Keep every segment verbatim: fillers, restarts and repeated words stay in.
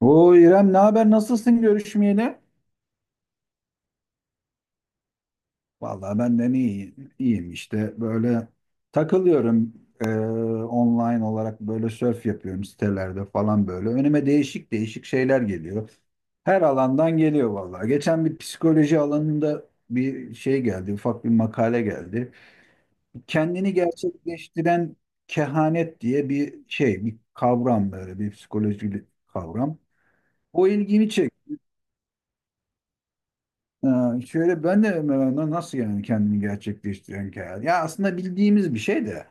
O İrem, ne haber, nasılsın görüşmeyeli? Vallahi ben de iyi, iyiyim işte böyle takılıyorum. Ee, online olarak böyle surf yapıyorum sitelerde falan böyle. Önüme değişik değişik şeyler geliyor. Her alandan geliyor vallahi. Geçen bir psikoloji alanında bir şey geldi, ufak bir makale geldi. Kendini gerçekleştiren kehanet diye bir şey, bir kavram, böyle bir psikolojik kavram. O ilgimi çekti. Ee, şöyle, ben de mesela, nasıl yani kendini gerçekleştiren karar? Ya aslında bildiğimiz bir şey de.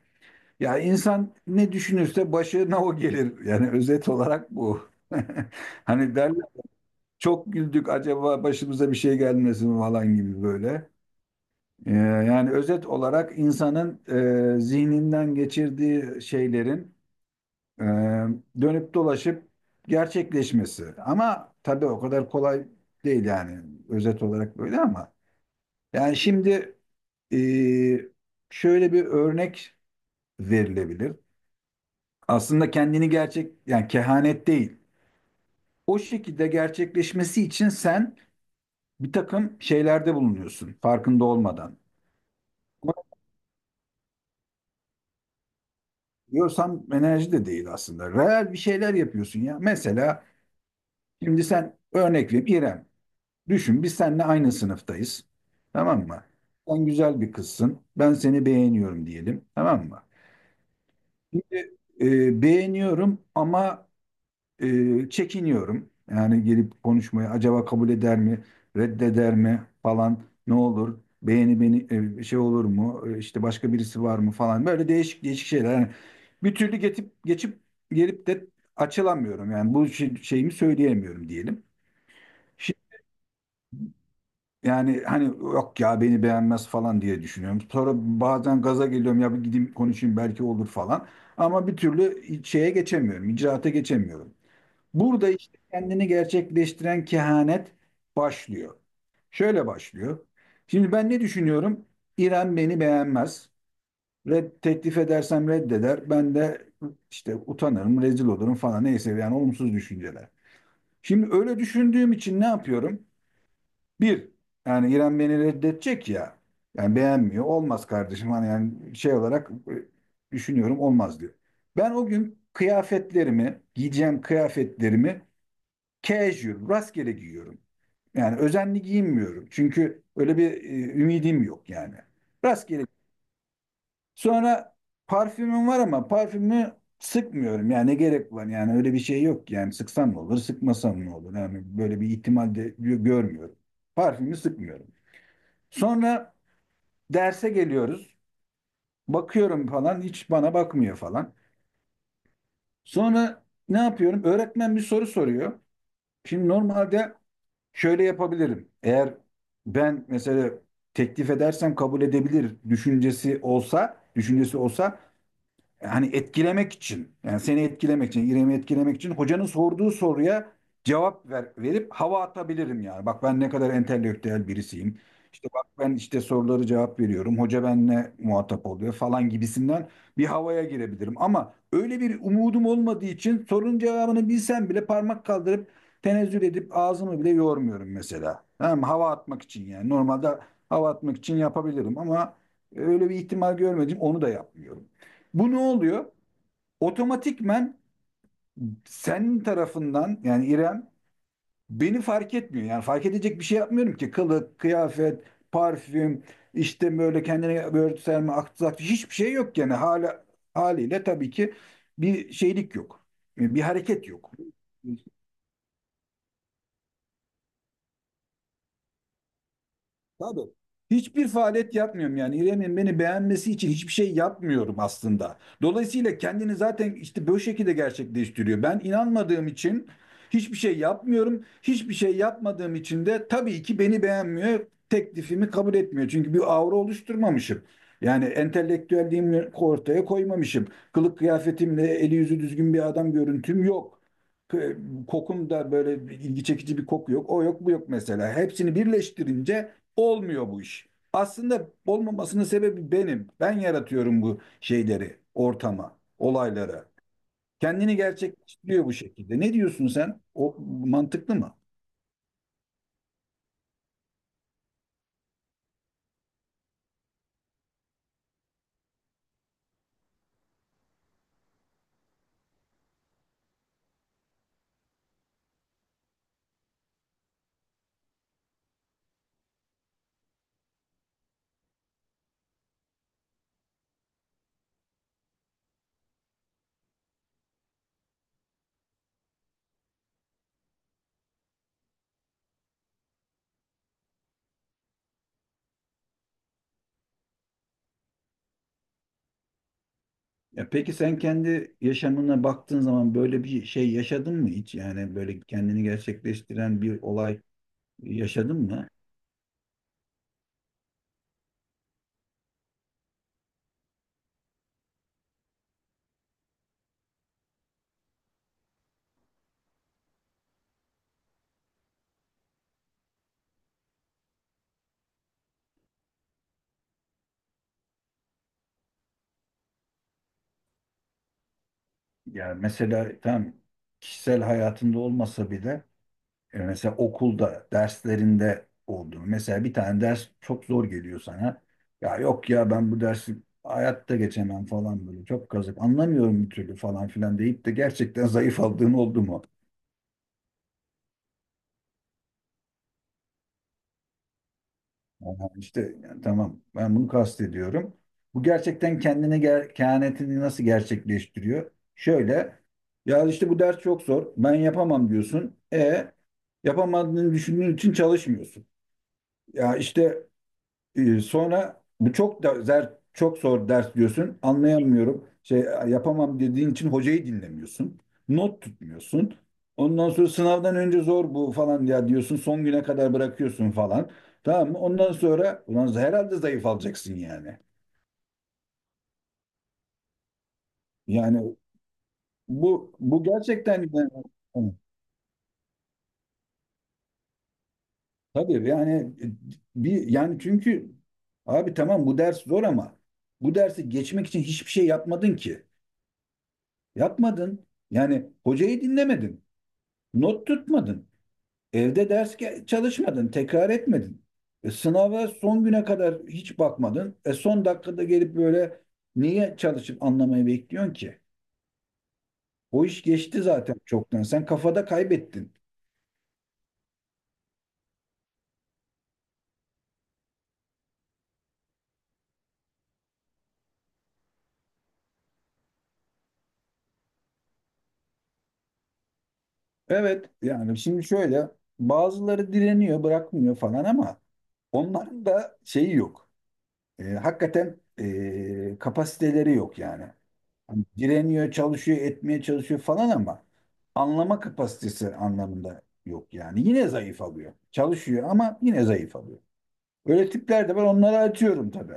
Ya insan ne düşünürse başına o gelir. Yani özet olarak bu. Hani derler, çok güldük, acaba başımıza bir şey gelmesin falan gibi böyle. Ee, yani özet olarak insanın e, zihninden geçirdiği şeylerin e, dönüp dolaşıp gerçekleşmesi. Ama tabii o kadar kolay değil yani, özet olarak böyle ama. Yani şimdi Ee, şöyle bir örnek verilebilir. Aslında kendini gerçek, yani kehanet değil. O şekilde gerçekleşmesi için sen bir takım şeylerde bulunuyorsun farkında olmadan. Ama diyorsam enerji de değil aslında. Real bir şeyler yapıyorsun ya. Mesela şimdi sen, örnek vereyim İrem. Düşün, biz seninle aynı sınıftayız. Tamam mı? Sen güzel bir kızsın. Ben seni beğeniyorum diyelim. Tamam mı? Şimdi e, beğeniyorum ama e, çekiniyorum. Yani gelip konuşmaya, acaba kabul eder mi, reddeder mi falan, ne olur? Beğeni beni e, şey olur mu? E, işte başka birisi var mı falan. Böyle değişik değişik şeyler. Yani bir türlü geçip geçip gelip de açılamıyorum. Yani bu şey- şeyimi söyleyemiyorum diyelim. Şi- Yani hani yok ya, beni beğenmez falan diye düşünüyorum. Sonra bazen gaza geliyorum, ya bir gideyim konuşayım belki olur falan. Ama bir türlü şeye geçemiyorum, icraata geçemiyorum. Burada işte kendini gerçekleştiren kehanet başlıyor. Şöyle başlıyor. Şimdi ben ne düşünüyorum? İrem beni beğenmez. Red, teklif edersem reddeder. Ben de işte utanırım, rezil olurum falan, neyse yani olumsuz düşünceler. Şimdi öyle düşündüğüm için ne yapıyorum? Bir, yani İrem beni reddedecek ya. Yani beğenmiyor. Olmaz kardeşim. Hani yani şey olarak e, düşünüyorum, olmaz diyor. Ben o gün kıyafetlerimi, giyeceğim kıyafetlerimi casual, rastgele giyiyorum. Yani özenli giyinmiyorum. Çünkü öyle bir e, ümidim yok yani. Rastgele. Sonra parfümüm var ama parfümü sıkmıyorum. Yani ne gerek var? Yani öyle bir şey yok. Yani sıksam ne olur, sıkmasam ne olur? Yani böyle bir ihtimal de gö- görmüyorum. Parfümü sıkmıyorum. Sonra derse geliyoruz. Bakıyorum falan, hiç bana bakmıyor falan. Sonra ne yapıyorum? Öğretmen bir soru soruyor. Şimdi normalde şöyle yapabilirim. Eğer ben mesela teklif edersem kabul edebilir düşüncesi olsa, düşüncesi olsa, hani etkilemek için, yani seni etkilemek için, İrem'i etkilemek için, hocanın sorduğu soruya cevap ver, verip hava atabilirim yani. Bak ben ne kadar entelektüel birisiyim. İşte bak, ben işte soruları cevap veriyorum, hoca benimle muhatap oluyor falan gibisinden bir havaya girebilirim. Ama öyle bir umudum olmadığı için sorunun cevabını bilsem bile parmak kaldırıp tenezzül edip ağzımı bile yormuyorum mesela. Tamam mı? Hava atmak için yani. Normalde hava atmak için yapabilirim ama öyle bir ihtimal görmedim. Onu da yapmıyorum. Bu ne oluyor? Otomatikmen senin tarafından, yani İrem, beni fark etmiyor. Yani fark edecek bir şey yapmıyorum ki. Kılık, kıyafet, parfüm, işte böyle kendine böyle örtüselme, aksak hiçbir şey yok yani. Hala, haliyle tabii ki bir şeylik yok. Bir hareket yok. Tabii. Hiçbir faaliyet yapmıyorum yani, İrem'in beni beğenmesi için hiçbir şey yapmıyorum aslında. Dolayısıyla kendini zaten işte böyle şekilde gerçekleştiriyor. Ben inanmadığım için hiçbir şey yapmıyorum. Hiçbir şey yapmadığım için de tabii ki beni beğenmiyor. Teklifimi kabul etmiyor. Çünkü bir aura oluşturmamışım. Yani entelektüelliğimi ortaya koymamışım. Kılık kıyafetimle eli yüzü düzgün bir adam görüntüm yok. K- Kokum da böyle, ilgi çekici bir koku yok. O yok, bu yok mesela. Hepsini birleştirince olmuyor bu iş. Aslında olmamasının sebebi benim. Ben yaratıyorum bu şeyleri, ortama, olaylara. Kendini gerçekleştiriyor bu şekilde. Ne diyorsun sen? O mantıklı mı? Ya peki, sen kendi yaşamına baktığın zaman böyle bir şey yaşadın mı hiç? Yani böyle kendini gerçekleştiren bir olay yaşadın mı? Yani mesela tam kişisel hayatında olmasa bile, e, mesela okulda, derslerinde olduğunu. Mesela bir tane ders çok zor geliyor sana. Ya yok ya, ben bu dersi hayatta geçemem falan böyle. Çok kazık. Anlamıyorum bir türlü falan filan deyip de gerçekten zayıf aldığın oldu mu? Aha, işte yani tamam, ben bunu kastediyorum. Bu gerçekten kendine ger kehanetini nasıl gerçekleştiriyor? Şöyle, ya işte bu ders çok zor. Ben yapamam diyorsun. E, yapamadığını düşündüğün için çalışmıyorsun. Ya işte Ee, sonra bu çok da zer, çok zor ders diyorsun. Anlayamıyorum. Şey yapamam dediğin için hocayı dinlemiyorsun. Not tutmuyorsun. Ondan sonra sınavdan önce zor bu falan ya diyorsun. Son güne kadar bırakıyorsun falan. Tamam mı? Ondan sonra ulan herhalde zayıf alacaksın yani. Yani bu bu gerçekten yani, evet. Tabii yani, e, bir yani, çünkü abi tamam bu ders zor ama bu dersi geçmek için hiçbir şey yapmadın ki. Yapmadın. Yani hocayı dinlemedin. Not tutmadın. Evde ders ge- çalışmadın. Tekrar etmedin. E, sınava son güne kadar hiç bakmadın. E, son dakikada gelip böyle niye çalışıp anlamayı bekliyorsun ki? O iş geçti zaten çoktan. Sen kafada kaybettin. Evet yani şimdi şöyle, bazıları direniyor, bırakmıyor falan ama onların da şeyi yok. E, hakikaten e, kapasiteleri yok yani. Hani direniyor, çalışıyor, etmeye çalışıyor falan ama anlama kapasitesi anlamında yok yani. Yine zayıf alıyor. Çalışıyor ama yine zayıf alıyor. Öyle tipler de var, onları atıyorum tabii.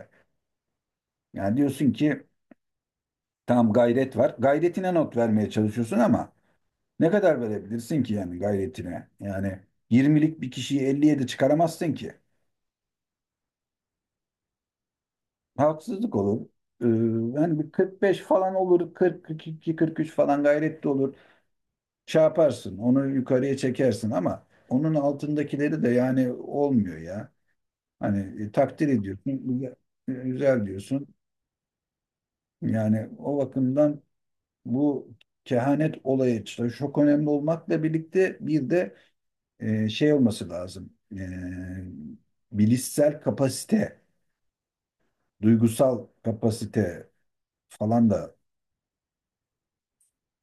Yani diyorsun ki tamam, gayret var. Gayretine not vermeye çalışıyorsun ama ne kadar verebilirsin ki yani gayretine? Yani yirmilik bir kişiyi elli yediye çıkaramazsın ki. Haksızlık olur. Ee, yani bir kırk beş falan olur, kırk iki, kırk üç falan gayretli olur. Şey yaparsın, onu yukarıya çekersin ama onun altındakileri de yani olmuyor ya. Hani e, takdir ediyorsun, güzel, e, güzel diyorsun. Yani o bakımdan bu kehanet olayı işte çok önemli olmakla birlikte bir de e, şey olması lazım. E, bilişsel kapasite, duygusal kapasite falan da